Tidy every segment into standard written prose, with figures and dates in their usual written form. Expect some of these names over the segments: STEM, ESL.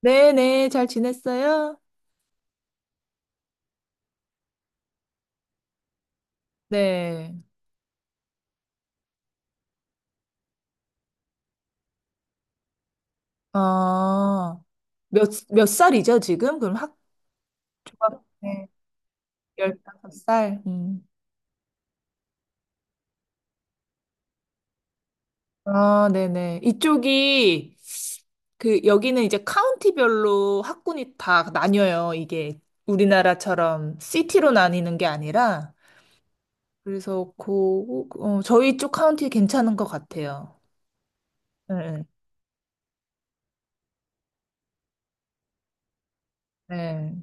네네, 잘 지냈어요? 네. 어, 몇 살이죠, 지금? 그럼 네, 15살. 아, 네네. 이쪽이, 그, 여기는 이제 카운티별로 학군이 다 나뉘어요. 이게 우리나라처럼 시티로 나뉘는 게 아니라. 그래서, 그, 어, 저희 쪽 카운티 괜찮은 것 같아요. 네. 네.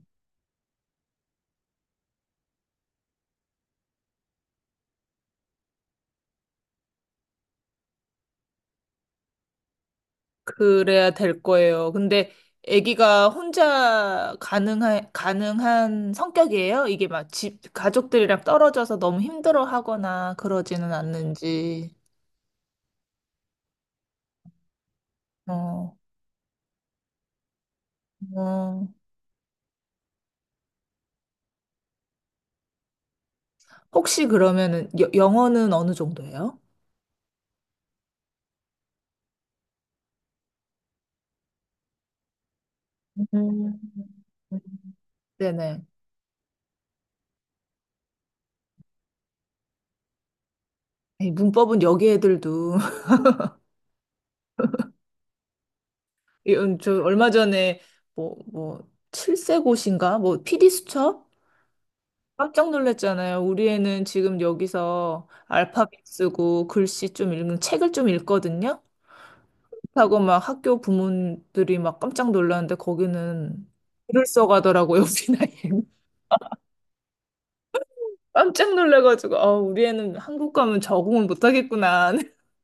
그래야 될 거예요. 근데 아기가 혼자 가능한 성격이에요? 이게 막 집, 가족들이랑 떨어져서 너무 힘들어 하거나 그러지는 않는지. 어, 어. 혹시 그러면은 영어는 어느 정도예요? 음. 네네. 이 문법은 여기 애들도 이건 저 얼마 전에 뭐 칠세고시인가 뭐 PD 수첩 깜짝 놀랐잖아요. 우리 애는 지금 여기서 알파벳 쓰고 글씨 좀 읽는 책을 좀 읽거든요. 하고 막 학교 부모들이 막 깜짝 놀랐는데 거기는 글을 써가더라고요, 우리 나이에는. 깜짝 놀라가지고 아, 우리 애는 한국 가면 적응을 못하겠구나.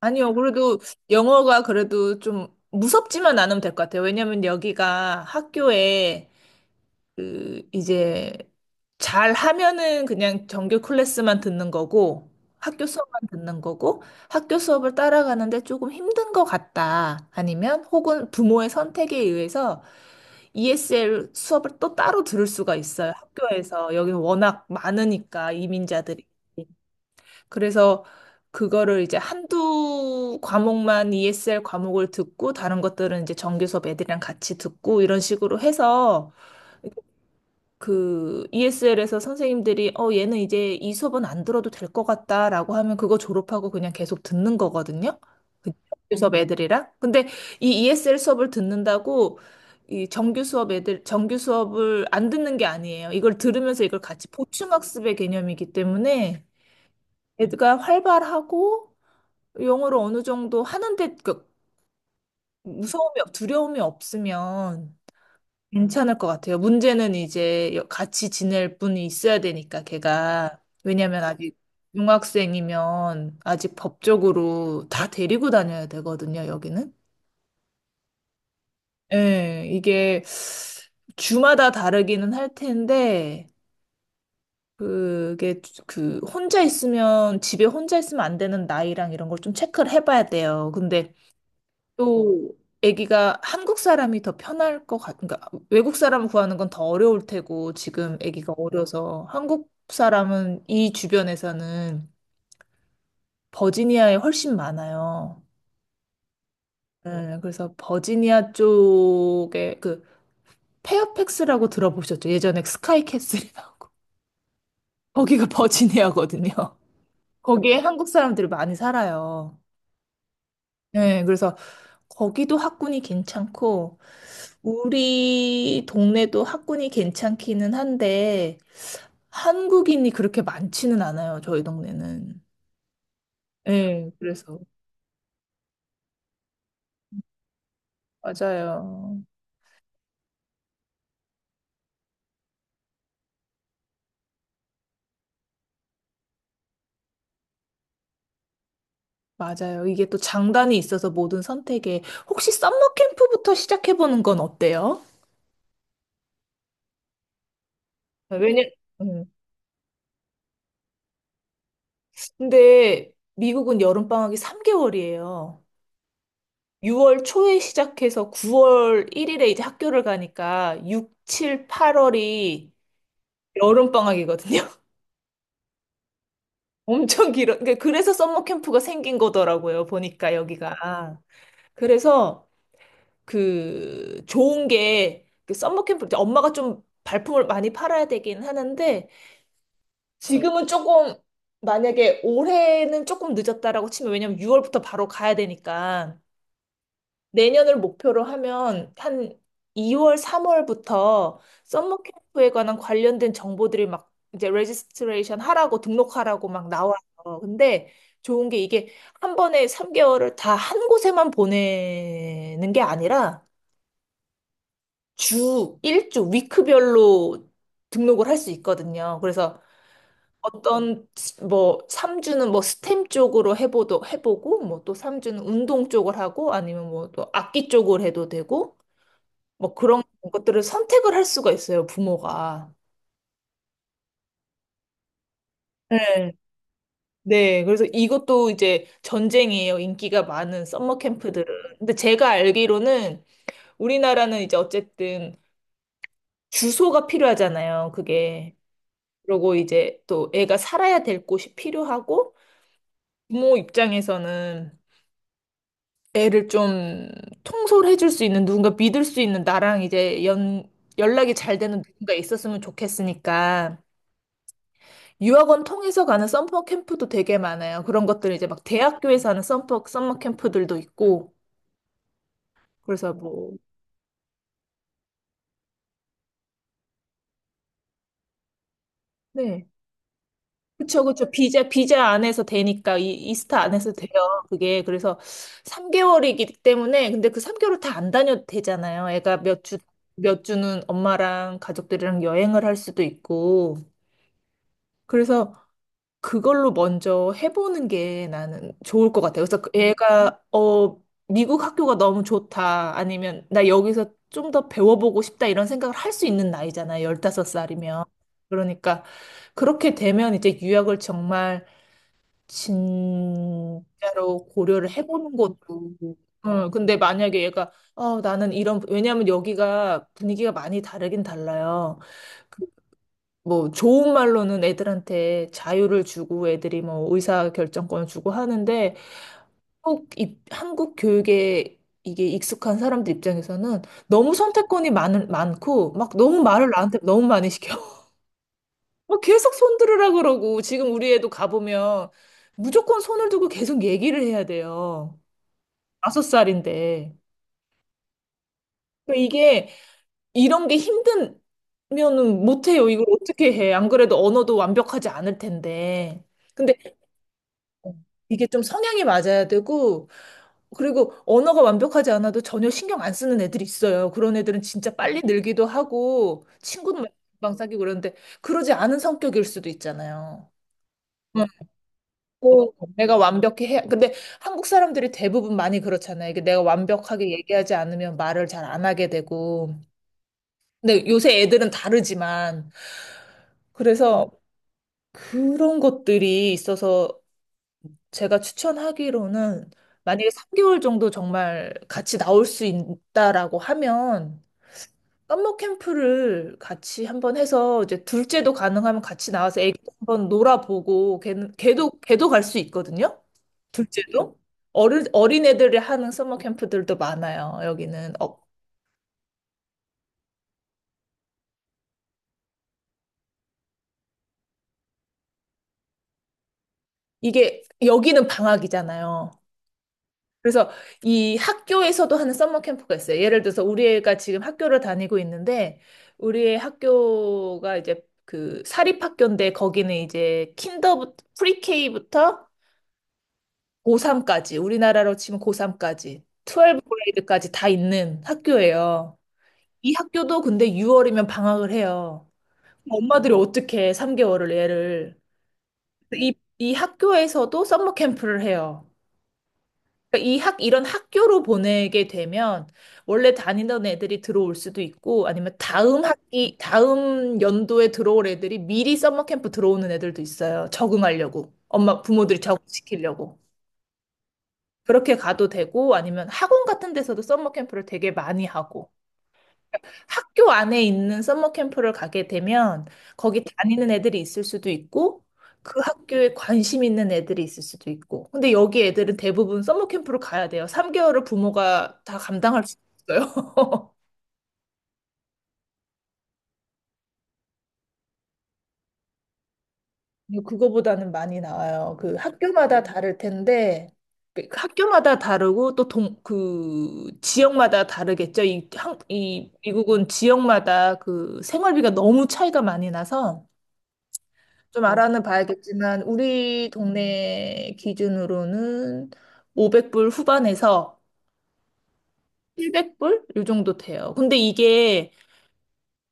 아니요, 그래도 영어가 그래도 좀 무섭지만 않으면 될 것 같아요. 왜냐면 여기가 학교에 그 이제 잘 하면은 그냥 정규 클래스만 듣는 거고 학교 수업만 듣는 거고 학교 수업을 따라가는데 조금 힘든 것 같다. 아니면 혹은 부모의 선택에 의해서 ESL 수업을 또 따로 들을 수가 있어요. 학교에서. 여기는 워낙 많으니까 이민자들이. 그래서 그거를 이제 한두 과목만 ESL 과목을 듣고 다른 것들은 이제 정규 수업 애들이랑 같이 듣고 이런 식으로 해서 그 ESL에서 선생님들이 어 얘는 이제 이 수업은 안 들어도 될 것 같다라고 하면 그거 졸업하고 그냥 계속 듣는 거거든요. 그 정규 수업 애들이랑. 근데 이 ESL 수업을 듣는다고 이 정규 수업 애들 정규 수업을 안 듣는 게 아니에요. 이걸 들으면서 이걸 같이 보충 학습의 개념이기 때문에 애가 활발하고 영어를 어느 정도 하는데 그 두려움이 없으면 괜찮을 것 같아요. 문제는 이제 같이 지낼 분이 있어야 되니까, 걔가. 왜냐면 아직 중학생이면 아직 법적으로 다 데리고 다녀야 되거든요, 여기는. 예, 이게 주마다 다르기는 할 텐데, 그게 그 혼자 있으면 집에 혼자 있으면 안 되는 나이랑 이런 걸 좀 체크를 해봐야 돼요. 근데 또 아기가 한국 사람이 더 편할 것 같, 그러니까 외국 사람 구하는 건 더 어려울 테고 지금 아기가 어려서 한국 사람은 이 주변에서는 버지니아에 훨씬 많아요. 네, 그래서 버지니아 쪽에 그 페어팩스라고 들어보셨죠? 예전에 스카이캐슬이라고 거기가 버지니아거든요. 거기에 한국 사람들이 많이 살아요. 네, 그래서 거기도 학군이 괜찮고, 우리 동네도 학군이 괜찮기는 한데, 한국인이 그렇게 많지는 않아요, 저희 동네는. 예, 그래서. 맞아요. 맞아요. 이게 또 장단이 있어서 모든 선택에, 혹시 썸머 캠프부터 시작해보는 건 어때요? 왜냐, 음. 근데 미국은 여름방학이 3개월이에요. 6월 초에 시작해서 9월 1일에 이제 학교를 가니까 6, 7, 8월이 여름방학이거든요. 엄청 길어. 그러니까 그래서 썸머 캠프가 생긴 거더라고요. 보니까 여기가. 그래서 그 좋은 게그 썸머 캠프 이제 엄마가 좀 발품을 많이 팔아야 되긴 하는데 지금은 조금 만약에 올해는 조금 늦었다라고 치면 왜냐면 6월부터 바로 가야 되니까 내년을 목표로 하면 한 2월, 3월부터 썸머 캠프에 관한 관련된 정보들이 막 이제 레지스트레이션 하라고 등록하라고 막 나와요. 근데 좋은 게 이게 한 번에 3개월을 다 한 곳에만 보내는 게 아니라 주 1주 위크별로 등록을 할 수 있거든요. 그래서 어떤 뭐 3주는 뭐 스템 쪽으로 해보도 해보고 뭐 또 3주는 운동 쪽을 하고 아니면 뭐 또 악기 쪽으로 해도 되고 뭐 그런 것들을 선택을 할 수가 있어요, 부모가. 네. 네, 그래서 이것도 이제 전쟁이에요. 인기가 많은 썸머 캠프들은. 근데 제가 알기로는 우리나라는 이제 어쨌든 주소가 필요하잖아요. 그게. 그리고 이제 또 애가 살아야 될 곳이 필요하고 부모 입장에서는 애를 좀 통솔해 줄 수 있는 누군가 믿을 수 있는 나랑 이제 연 연락이 잘 되는 누군가 있었으면 좋겠으니까 유학원 통해서 가는 썸머 캠프도 되게 많아요. 그런 것들 이제 막 대학교에서 하는 썸머 캠프들도 있고. 그래서 뭐, 네. 그쵸, 그쵸. 비자 안에서 되니까, 이스타 안에서 돼요. 그게. 그래서 3개월이기 때문에, 근데 그 3개월을 다 안 다녀도 되잖아요. 애가 몇 주, 몇 주는 엄마랑 가족들이랑 여행을 할 수도 있고. 그래서 그걸로 먼저 해보는 게 나는 좋을 것 같아요. 그래서 그 얘가, 어, 미국 학교가 너무 좋다. 아니면 나 여기서 좀 더 배워보고 싶다. 이런 생각을 할 수 있는 나이잖아요. 열다섯 살이면 그러니까 그렇게 되면 이제 유학을 정말 진짜로 고려를 해보는 것도. 어, 근데 만약에 얘가, 어, 나는 이런, 왜냐하면 여기가 분위기가 많이 다르긴 달라요. 그 뭐 좋은 말로는 애들한테 자유를 주고 애들이 뭐 의사 결정권을 주고 하는데 꼭 이, 한국 교육에 이게 익숙한 사람들 입장에서는 너무 선택권이 많고 막 너무 말을 나한테 너무 많이 시켜. 뭐 계속 손 들으라 그러고 지금 우리 애도 가보면 무조건 손을 두고 계속 얘기를 해야 돼요. 다섯 살인데. 그러니까 이게 이런 게 힘들면은 못해요. 이걸 어떻게 해. 안 그래도 언어도 완벽하지 않을 텐데. 근데 어. 이게 좀 성향이 맞아야 되고, 그리고 언어가 완벽하지 않아도 전혀 신경 안 쓰는 애들이 있어요. 그런 애들은 진짜 빨리 늘기도 하고, 친구도 막 금방 사귀고 그러는데, 그러지 않은 성격일 수도 있잖아요. 응. 꼭 내가 완벽히 해야, 근데 한국 사람들이 대부분 많이 그렇잖아요. 이게 내가 완벽하게 얘기하지 않으면 말을 잘 안 하게 되고. 근데 요새 애들은 다르지만, 그래서 그런 것들이 있어서 제가 추천하기로는 만약에 3개월 정도 정말 같이 나올 수 있다라고 하면 썸머 캠프를 같이 한번 해서 이제 둘째도 가능하면 같이 나와서 애기 한번 놀아보고 걔는 걔도 갈 수 있거든요. 둘째도 어른 어린애들이 하는 썸머 캠프들도 많아요. 여기는 어 이게 여기는 방학이잖아요. 그래서 이 학교에서도 하는 썸머 캠프가 있어요. 예를 들어서 우리 애가 지금 학교를 다니고 있는데 우리 의 학교가 이제 그 사립학교인데 거기는 이제 킨더 부터 프리케이부터 고3까지 우리나라로 치면 고3까지 1브 그레이드까지 다 있는 학교예요. 이 학교도 근데 6월이면 방학을 해요. 엄마들이 어떻게 3개월을 애를 이 학교에서도 썸머 캠프를 해요. 그러니까 이런 학교로 보내게 되면 원래 다니던 애들이 들어올 수도 있고 아니면 다음 학기, 다음 연도에 들어올 애들이 미리 서머캠프 들어오는 애들도 있어요. 적응하려고. 엄마, 부모들이 적응시키려고. 그렇게 가도 되고 아니면 학원 같은 데서도 서머캠프를 되게 많이 하고. 학교 안에 있는 서머 캠프를 가게 되면 거기 다니는 애들이 있을 수도 있고 그 학교에 관심 있는 애들이 있을 수도 있고. 근데 여기 애들은 대부분 서머 캠프를 가야 돼요. 3개월을 부모가 다 감당할 수 있어요. 근데 그거보다는 많이 나와요. 그 학교마다 다를 텐데 그 학교마다 다르고 또 그 지역마다 다르겠죠. 이 미국은 지역마다 그 생활비가 너무 차이가 많이 나서 좀 알아는 봐야겠지만 우리 동네 기준으로는 500불 후반에서 700불 요 정도 돼요. 근데 이게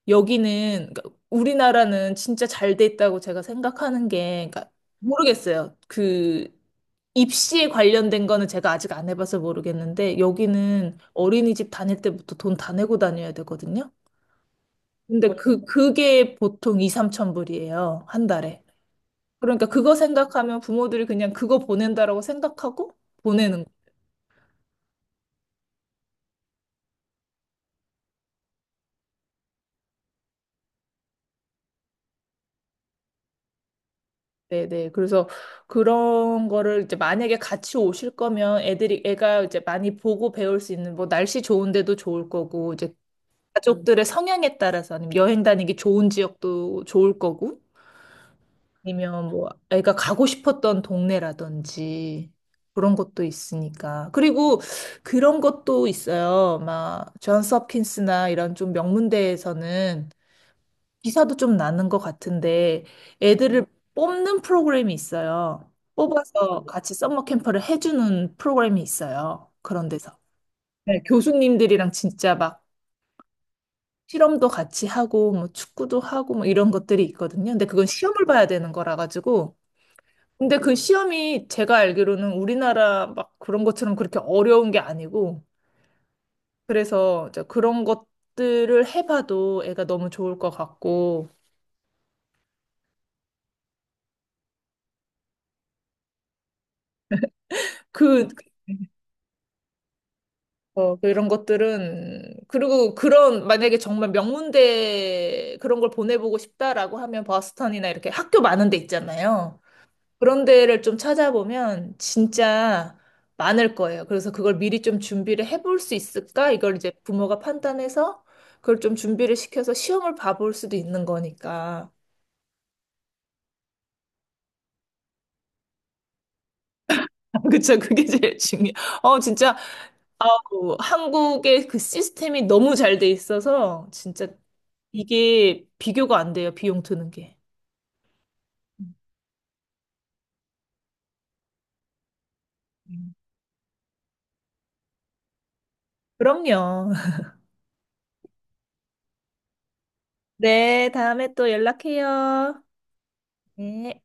여기는 그러니까 우리나라는 진짜 잘 돼 있다고 제가 생각하는 게 그러니까 모르겠어요. 그 입시에 관련된 거는 제가 아직 안 해봐서 모르겠는데 여기는 어린이집 다닐 때부터 돈 다 내고 다녀야 되거든요. 근데 그게 보통 2, 3천 불이에요. 한 달에. 그러니까 그거 생각하면 부모들이 그냥 그거 보낸다라고 생각하고 보내는 거. 네네. 그래서 그런 거를 이제 만약에 같이 오실 거면 애들이 애가 이제 많이 보고 배울 수 있는 뭐 날씨 좋은 데도 좋을 거고 이제 가족들의 성향에 따라서 아니면 여행 다니기 좋은 지역도 좋을 거고 아니면 뭐 애가 가고 싶었던 동네라든지 그런 것도 있으니까. 그리고 그런 것도 있어요. 막 존스 홉킨스나 이런 좀 명문대에서는 기사도 좀 나는 것 같은데 애들을 뽑는 프로그램이 있어요. 뽑아서 같이 썸머 캠프를 해주는 프로그램이 있어요. 그런 데서. 네, 교수님들이랑 진짜 막 실험도 같이 하고 뭐 축구도 하고 뭐 이런 것들이 있거든요. 근데 그건 시험을 봐야 되는 거라 가지고. 근데 그 시험이 제가 알기로는 우리나라 막 그런 것처럼 그렇게 어려운 게 아니고 그래서 이제 그런 것들을 해봐도 애가 너무 좋을 것 같고 그 어, 그런 것들은, 그리고 그런, 만약에 정말 명문대 그런 걸 보내보고 싶다라고 하면 버스턴이나 이렇게 학교 많은 데 있잖아요. 그런 데를 좀 찾아보면 진짜 많을 거예요. 그래서 그걸 미리 좀 준비를 해볼 수 있을까? 이걸 이제 부모가 판단해서 그걸 좀 준비를 시켜서 시험을 봐볼 수도 있는 거니까. 그쵸, 그게 제일 중요. 어, 진짜, 아우, 한국의 그 시스템이 너무 잘 돼 있어서 진짜 이게 비교가 안 돼요, 비용 드는 게. 음. 그럼요. 네, 다음에 또 연락해요. 네.